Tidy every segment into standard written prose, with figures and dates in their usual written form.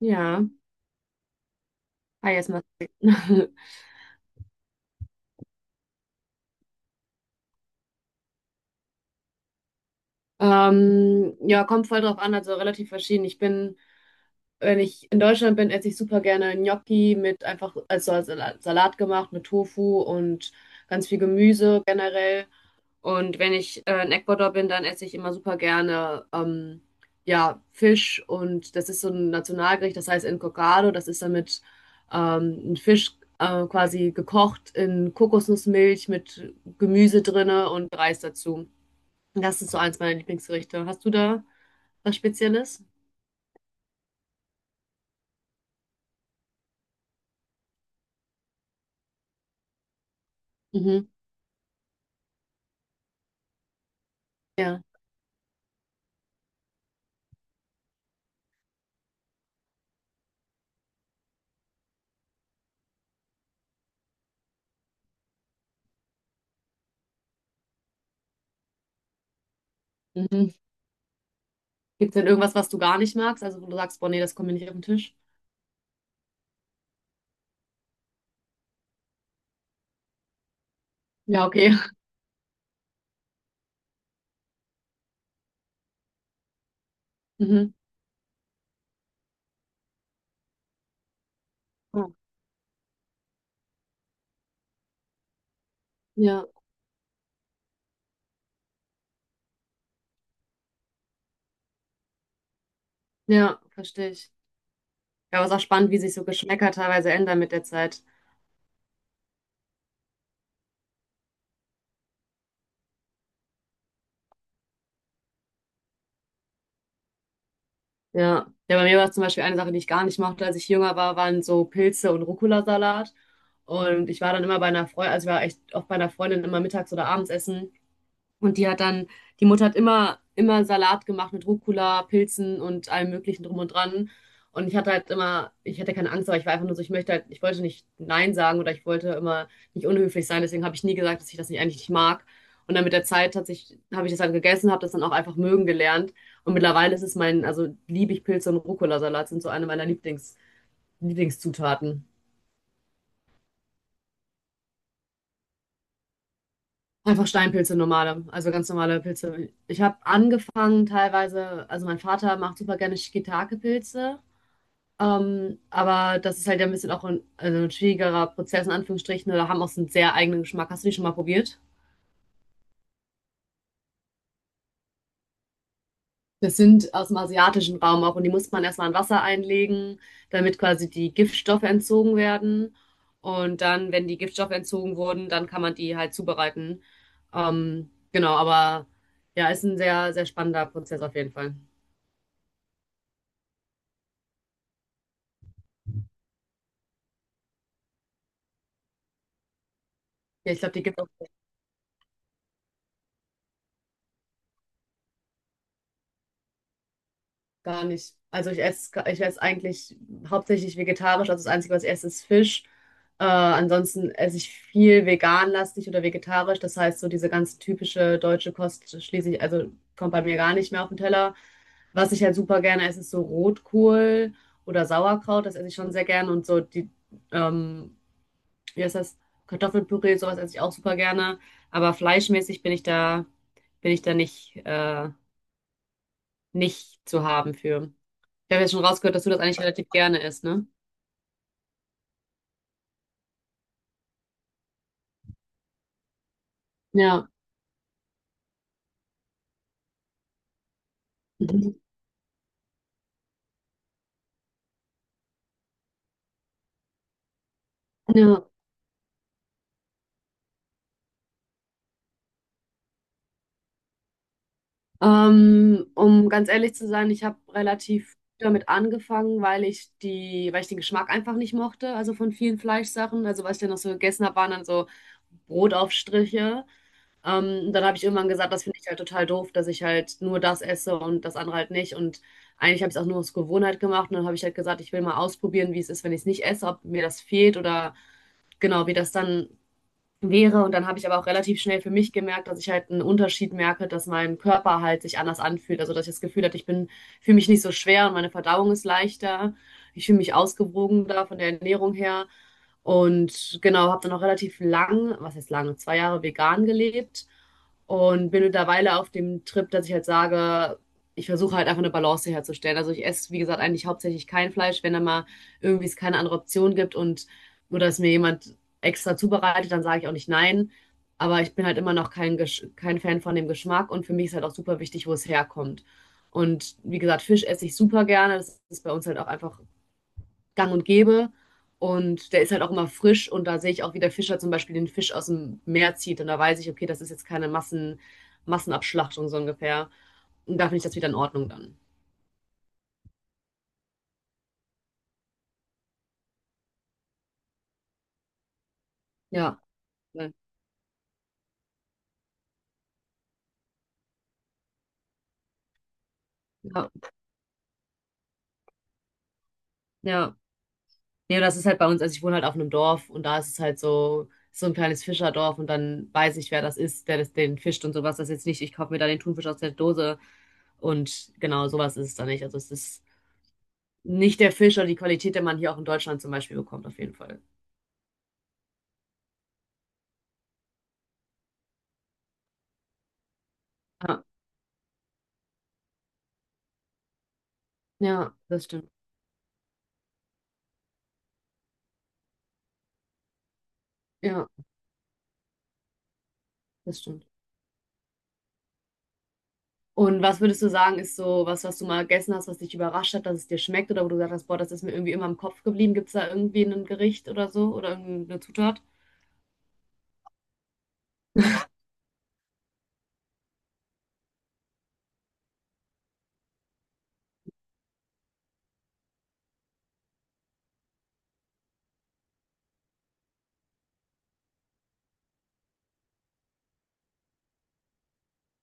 Ja, ah, jetzt mal. Ja, kommt voll drauf an, also relativ verschieden. Ich bin, wenn ich in Deutschland bin, esse ich super gerne Gnocchi mit einfach also als Salat gemacht, mit Tofu und ganz viel Gemüse generell. Und wenn ich in Ecuador bin, dann esse ich immer super gerne ja, Fisch und das ist so ein Nationalgericht, das heißt Encocado, das ist dann mit ein Fisch quasi gekocht in Kokosnussmilch mit Gemüse drinne und Reis dazu. Und das ist so eins meiner Lieblingsgerichte. Hast du da was Spezielles? Mhm. Ja. Mhm. Gibt es denn irgendwas, was du gar nicht magst? Also wo du sagst, boah, nee, das kommt mir nicht auf den Tisch? Ja, okay. Mhm. Ja, ja, verstehe ich. Ja, aber es ist auch spannend, wie sich so Geschmäcker teilweise ändern mit der Zeit. Ja. Ja, bei mir war es zum Beispiel eine Sache, die ich gar nicht mochte, als ich jünger war, waren so Pilze und Rucola-Salat. Und ich war dann immer bei einer Freundin, also ich war echt oft bei einer Freundin immer mittags oder abends essen. Und die hat dann, die Mutter hat immer Salat gemacht mit Rucola, Pilzen und allem Möglichen drum und dran. Und ich hatte halt immer, ich hatte keine Angst, aber ich war einfach nur so, ich möchte halt, ich wollte nicht Nein sagen oder ich wollte immer nicht unhöflich sein. Deswegen habe ich nie gesagt, dass ich das nicht eigentlich nicht mag. Und dann mit der Zeit hat sich, habe ich das halt gegessen, habe das dann auch einfach mögen gelernt. Und mittlerweile ist es mein, also liebe ich Pilze und Rucola-Salat, sind so eine meiner Lieblingszutaten. Einfach Steinpilze, normale, also ganz normale Pilze. Ich habe angefangen teilweise, also mein Vater macht super gerne Shiitake-Pilze, aber das ist halt ja ein bisschen auch ein, also ein schwierigerer Prozess, in Anführungsstrichen, oder haben auch so einen sehr eigenen Geschmack. Hast du die schon mal probiert? Das sind aus dem asiatischen Raum auch und die muss man erstmal in Wasser einlegen, damit quasi die Giftstoffe entzogen werden. Und dann, wenn die Giftstoffe entzogen wurden, dann kann man die halt zubereiten. Genau, aber ja, ist ein sehr, sehr spannender Prozess auf jeden Fall. Ja, ich glaube, die gibt es auch gar nicht. Also ich esse eigentlich hauptsächlich vegetarisch. Also das Einzige, was ich esse, ist Fisch. Ansonsten esse ich viel veganlastig oder vegetarisch. Das heißt, so diese ganz typische deutsche Kost schließe ich, also kommt bei mir gar nicht mehr auf den Teller. Was ich halt super gerne esse, ist so Rotkohl oder Sauerkraut. Das esse ich schon sehr gerne. Und so die, ähm, wie heißt das? Kartoffelpüree, sowas esse ich auch super gerne. Aber fleischmäßig bin ich da nicht, nicht zu haben für. Ich habe ja schon rausgehört, dass du das eigentlich relativ gerne isst, ne? Ja, Mhm. Ja. Um ganz ehrlich zu sein, ich habe relativ früh damit angefangen, weil ich die, weil ich den Geschmack einfach nicht mochte, also von vielen Fleischsachen. Also was ich dann noch so gegessen habe, waren dann so Brotaufstriche. Dann habe ich irgendwann gesagt, das finde ich halt total doof, dass ich halt nur das esse und das andere halt nicht. Und eigentlich habe ich es auch nur aus Gewohnheit gemacht. Und dann habe ich halt gesagt, ich will mal ausprobieren, wie es ist, wenn ich es nicht esse, ob mir das fehlt oder genau, wie das dann wäre. Und dann habe ich aber auch relativ schnell für mich gemerkt, dass ich halt einen Unterschied merke, dass mein Körper halt sich anders anfühlt. Also dass ich das Gefühl hatte, ich bin, fühle mich nicht so schwer und meine Verdauung ist leichter. Ich fühle mich ausgewogener von der Ernährung her. Und genau, habe dann auch relativ lang, was heißt lange, 2 Jahre vegan gelebt und bin mittlerweile auf dem Trip, dass ich halt sage, ich versuche halt einfach eine Balance herzustellen. Also ich esse, wie gesagt, eigentlich hauptsächlich kein Fleisch, wenn da mal irgendwie es keine andere Option gibt und oder es mir jemand extra zubereitet, dann sage ich auch nicht nein. Aber ich bin halt immer noch kein, kein Fan von dem Geschmack und für mich ist halt auch super wichtig, wo es herkommt. Und wie gesagt, Fisch esse ich super gerne. Das ist bei uns halt auch einfach gang und gäbe. Und der ist halt auch immer frisch und da sehe ich auch, wie der Fischer zum Beispiel den Fisch aus dem Meer zieht. Und da weiß ich, okay, das ist jetzt keine Massenabschlachtung so ungefähr. Und da finde ich das wieder in Ordnung dann. Ja, ja, ja. Nee, und das ist halt bei uns, also ich wohne halt auf einem Dorf und da ist es halt so, so ein kleines Fischerdorf und dann weiß ich, wer das ist, der das, den fischt und sowas. Das ist jetzt nicht, ich kaufe mir da den Thunfisch aus der Dose und genau, sowas ist es da nicht. Also es ist nicht der Fisch oder die Qualität, den man hier auch in Deutschland zum Beispiel bekommt, auf jeden Fall. Ja, ja, das stimmt. Ja, das stimmt. Und was würdest du sagen, ist so was, was du mal gegessen hast, was dich überrascht hat, dass es dir schmeckt oder wo du gesagt hast, boah, das ist mir irgendwie immer im Kopf geblieben. Gibt es da irgendwie ein Gericht oder so oder irgendeine Zutat?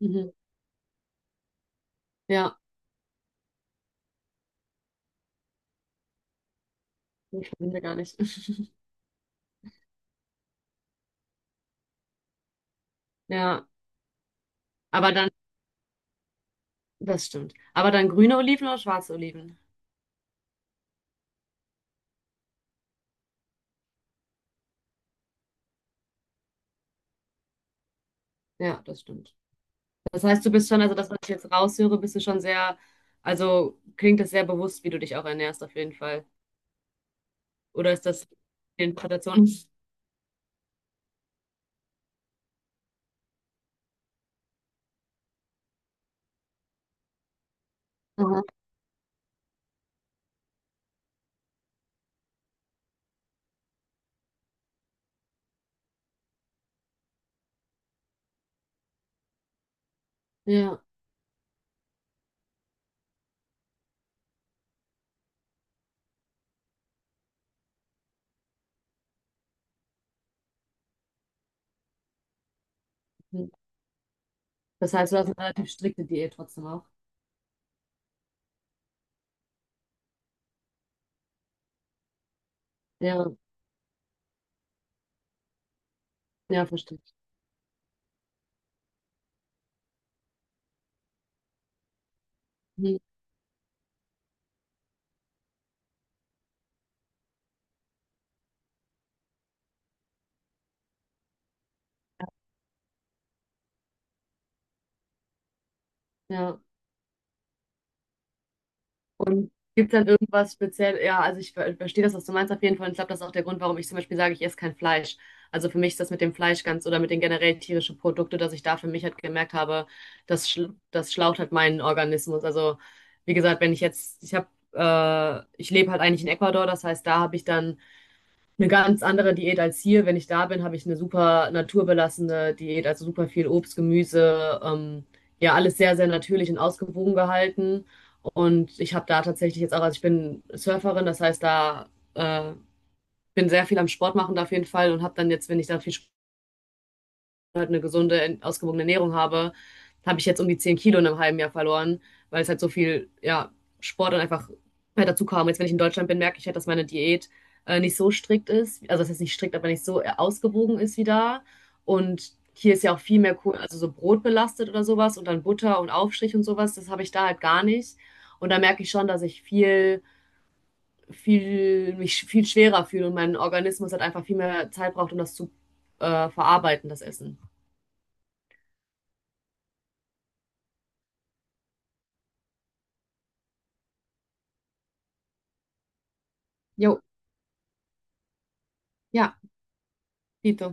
Mhm. Ja, ich verbinde gar nicht. Ja, aber dann, das stimmt. Aber dann grüne Oliven oder schwarze Oliven? Ja, das stimmt. Das heißt, du bist schon, also das, was ich jetzt raushöre, bist du schon sehr, also klingt das sehr bewusst, wie du dich auch ernährst, auf jeden Fall. Oder ist das die Interpretation? Aha. Ja. Mhm. Das heißt, du hast eine relativ strikte Diät trotzdem auch. Ja, ja, verstehe ich. Mhm. Ja. Und gibt es dann irgendwas speziell? Ja, also ich verstehe das, was du meinst auf jeden Fall. Und ich glaube, das ist auch der Grund, warum ich zum Beispiel sage, ich esse kein Fleisch. Also für mich ist das mit dem Fleisch ganz oder mit den generell tierischen Produkten, dass ich da für mich halt gemerkt habe, das schlaucht halt meinen Organismus. Also wie gesagt, wenn ich jetzt, ich habe, ich lebe halt eigentlich in Ecuador, das heißt, da habe ich dann eine ganz andere Diät als hier. Wenn ich da bin, habe ich eine super naturbelassene Diät, also super viel Obst, Gemüse, ja, alles sehr, sehr natürlich und ausgewogen gehalten. Und ich habe da tatsächlich jetzt auch, also ich bin Surferin, das heißt, da äh, bin sehr viel am Sport machen da auf jeden Fall und habe dann jetzt, wenn ich da viel halt eine gesunde, ausgewogene Ernährung habe, habe ich jetzt um die 10 Kilo in einem halben Jahr verloren, weil es halt so viel, ja, Sport und einfach halt dazu kam. Jetzt, wenn ich in Deutschland bin, merke ich halt, dass meine Diät nicht so strikt ist. Also, das heißt nicht strikt, aber nicht so ausgewogen ist wie da. Und hier ist ja auch viel mehr cool, also so Brot belastet oder sowas und dann Butter und Aufstrich und sowas. Das habe ich da halt gar nicht. Und da merke ich schon, dass ich mich viel schwerer fühle und mein Organismus halt einfach viel mehr Zeit braucht, um das zu verarbeiten, das Essen. Jo, ja. Quito.